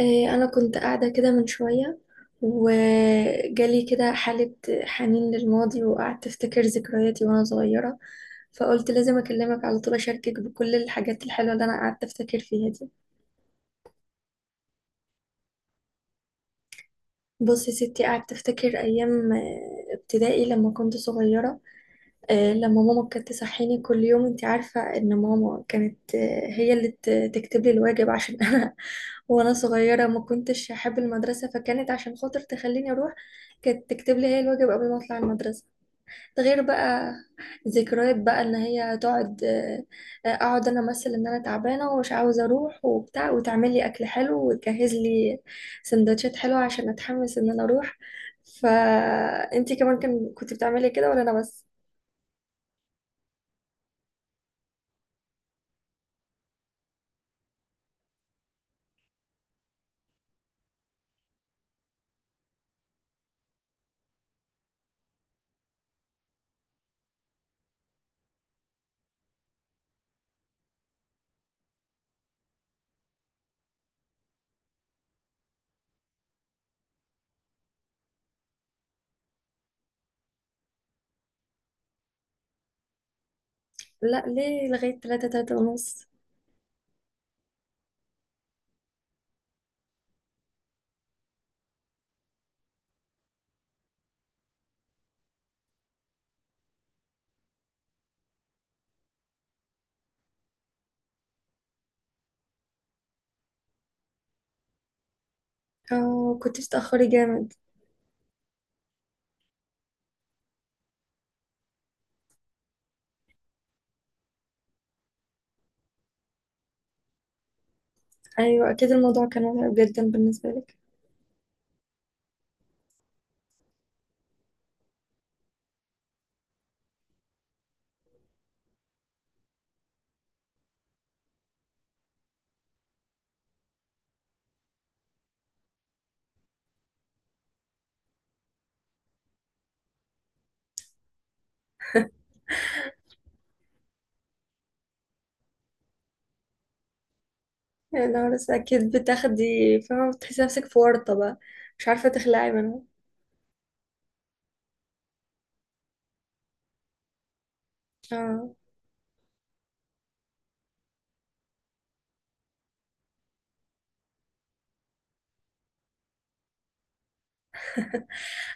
إيه، أنا كنت قاعدة كده من شوية وجالي كده حالة حنين للماضي وقعدت أفتكر ذكرياتي وأنا صغيرة. فقلت لازم أكلمك على طول أشاركك بكل الحاجات الحلوة اللي أنا قعدت أفتكر فيها دي. بص يا ستي، قعدت أفتكر أيام ابتدائي لما كنت صغيرة. لما ماما كانت تصحيني كل يوم، انت عارفة ان ماما كانت، هي اللي تكتب لي الواجب عشان انا وانا صغيرة ما كنتش احب المدرسة، فكانت عشان خاطر تخليني اروح كانت تكتب لي هي الواجب قبل ما اطلع المدرسة. ده غير بقى ذكريات بقى ان هي تقعد، اقعد انا امثل ان انا تعبانة ومش عاوزة اروح وبتاع، وتعمل لي اكل حلو وتجهز لي سندوتشات حلوة عشان اتحمس ان انا اروح. فانتي كمان كنت بتعملي كده ولا انا بس؟ لا ليه، لغاية تلاتة، تلاتة ونص. اه كنتش تأخري جامد. أيوة أكيد الموضوع كان مرعب جدا بالنسبة لك. يا نهار أسود، أكيد بتاخدي فاهمة بتحسي نفسك في ورطة بقى مش عارفة تخلعي منها. اه.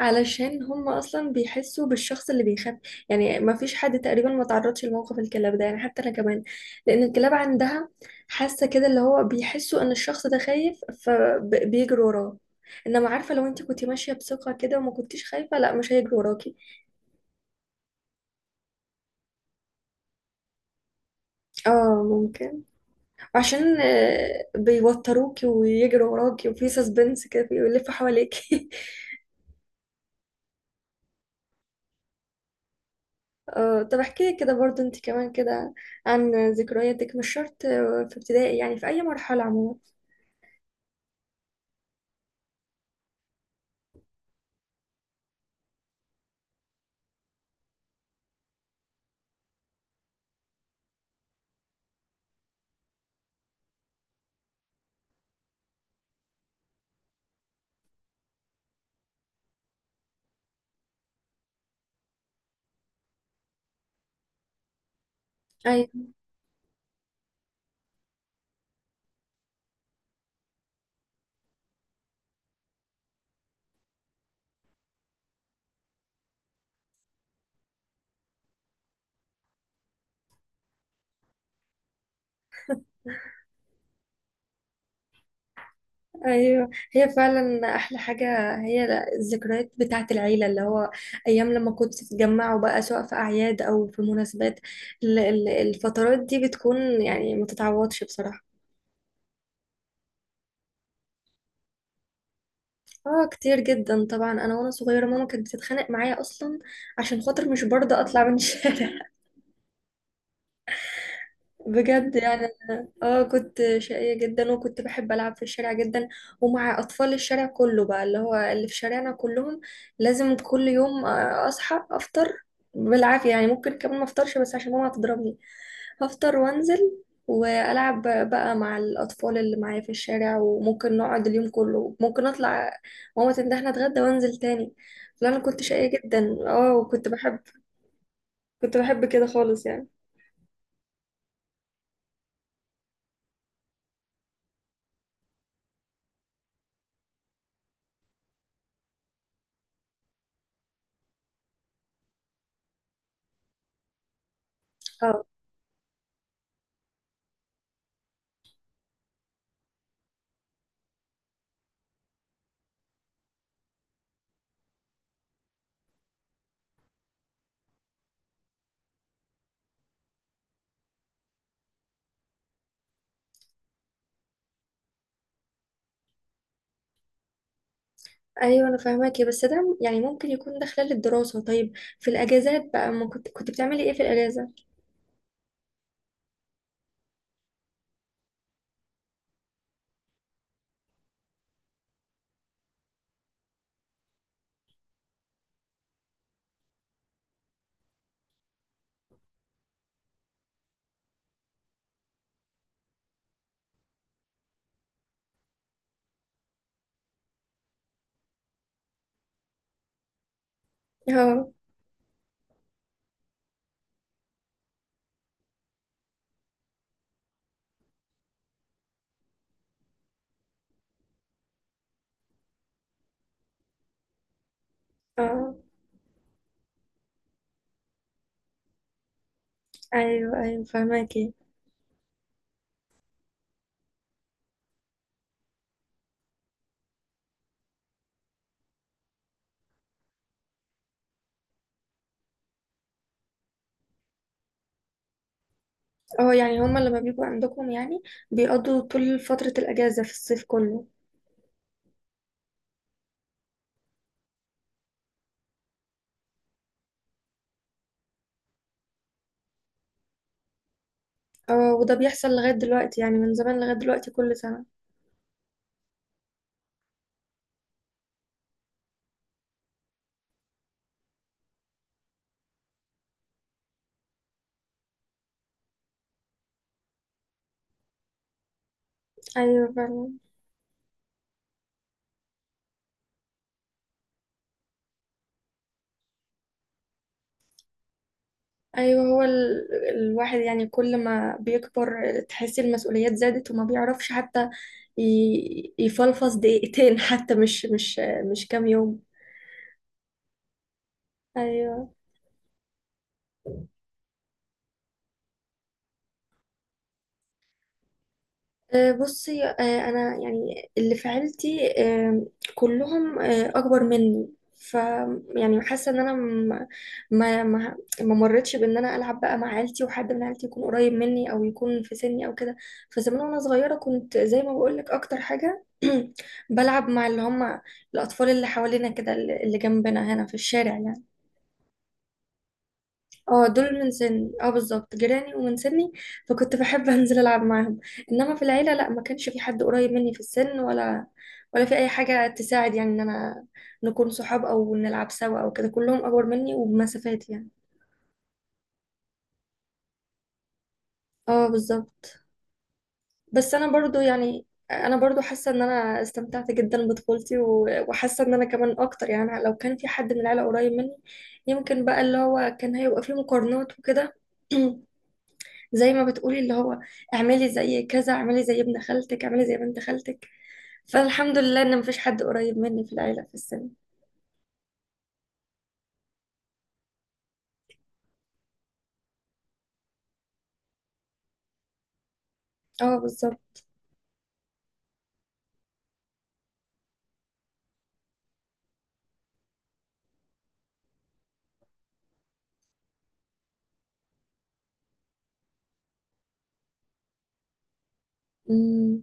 علشان هم أصلا بيحسوا بالشخص اللي بيخاف. يعني ما فيش حد تقريبا ما تعرضش لموقف الكلاب ده، يعني حتى أنا كمان، لأن الكلاب عندها حاسة كده اللي هو بيحسوا إن الشخص ده خايف، فبيجروا وراه. انما عارفه لو انت كنتي ماشيه بثقه كده وما كنتيش خايفه، لا مش هيجروا وراكي. اه ممكن. عشان بيوتروكي ويجروا وراكي وفي سسبنس كده بيلفوا حواليكي. اه، طب احكي لي كده برضو انت كمان كده عن ذكرياتك، مش شرط في ابتدائي، يعني في اي مرحلة عموما. ايوه. ايوه هي فعلا احلى حاجة، هي الذكريات بتاعة العيلة، اللي هو ايام لما كنتوا تتجمعوا بقى سواء في اعياد او في مناسبات، الفترات دي بتكون يعني ما تتعوضش بصراحة. اه كتير جدا طبعا، انا وانا صغيره ماما كانت بتتخانق معايا اصلا عشان خاطر مش برضه اطلع من الشارع. بجد يعني. اه كنت شقيه جدا، وكنت بحب العب في الشارع جدا ومع اطفال الشارع كله بقى، اللي هو اللي في شارعنا كلهم. لازم كل يوم اصحى افطر بالعافيه، يعني ممكن كمان ما افطرش بس عشان ماما هتضربني هفطر وانزل والعب بقى مع الاطفال اللي معايا في الشارع، وممكن نقعد اليوم كله، ممكن اطلع ماما تندهني اتغدى وانزل تاني. لا انا كنت شقية جدا، اه، وكنت بحب كنت بحب كده خالص يعني. اه. ايوه انا فاهماكي، بس ده يعني ممكن يكون ده خلال الدراسة، طيب في الاجازات بقى ما كنت بتعملي ايه في الاجازة؟ اه. اه ايوه ايوه فاهماكي. اه، يعني هما لما بيبقوا عندكم يعني بيقضوا طول فترة الاجازة في الصيف كله. اه وده بيحصل لغاية دلوقتي، يعني من زمان لغاية دلوقتي كل سنة؟ أيوة فعلا. أيوة هو الواحد يعني كل ما بيكبر تحسي المسؤوليات زادت وما بيعرفش حتى يفلفص دقيقتين حتى مش كام يوم. أيوة. بصي انا يعني اللي في عيلتي كلهم اكبر مني، ف يعني حاسه ان انا، ما ما ما مرتش بان انا العب بقى مع عيلتي وحد من عيلتي يكون قريب مني او يكون في سني او كده. فزمان وانا صغيره كنت زي ما بقول لك اكتر حاجه بلعب مع اللي هم الاطفال اللي حوالينا كده، اللي جنبنا هنا في الشارع يعني. اه دول من سني، اه بالظبط، جيراني ومن سني، فكنت بحب انزل العب معاهم. انما في العيله لا، ما كانش في حد قريب مني في السن، ولا في اي حاجه تساعد يعني ان انا نكون صحاب او نلعب سوا او كده، كلهم اكبر مني وبمسافات يعني. اه بالظبط. بس انا برضو يعني انا برضو حاسه ان انا استمتعت جدا بطفولتي وحاسه ان انا كمان اكتر، يعني لو كان في حد من العيله قريب مني يمكن بقى اللي هو كان هيبقى فيه مقارنات وكده. زي ما بتقولي اللي هو اعملي زي كذا، اعملي زي ابن خالتك، اعملي زي بنت خالتك، فالحمد لله ان مفيش حد قريب مني في العيلة في السن. اه بالظبط. أمم.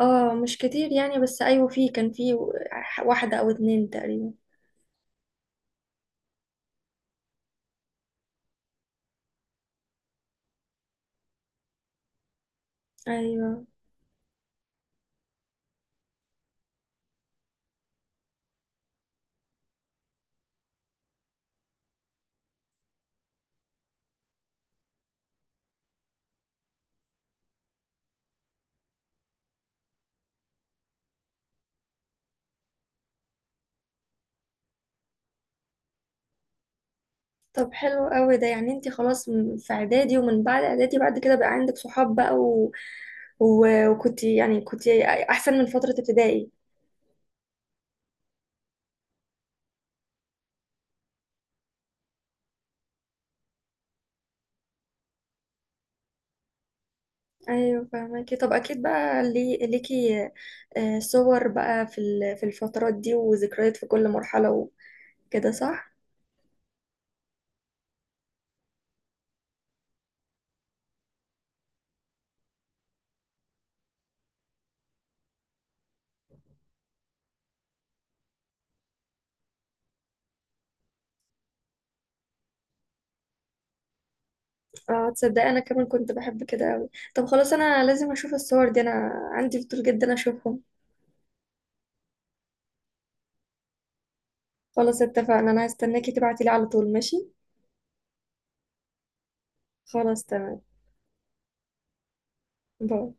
اه مش كتير يعني، بس ايوه في، كان في واحدة او اتنين تقريبا. ايوه. طب حلو قوي ده، يعني انت خلاص في اعدادي ومن بعد اعدادي بعد كده بقى عندك صحاب بقى وكنت يعني كنت احسن من فترة ابتدائي. ايوه فاهمكي، طب اكيد بقى لي صور بقى في في الفترات دي وذكريات في كل مرحله وكده صح؟ اه. تصدقي انا كمان كنت بحب كده قوي. طب خلاص انا لازم اشوف الصور دي، انا عندي فضول جدا اشوفهم. خلاص اتفقنا، انا هستناكي تبعتي لي على طول، ماشي. خلاص تمام. باي.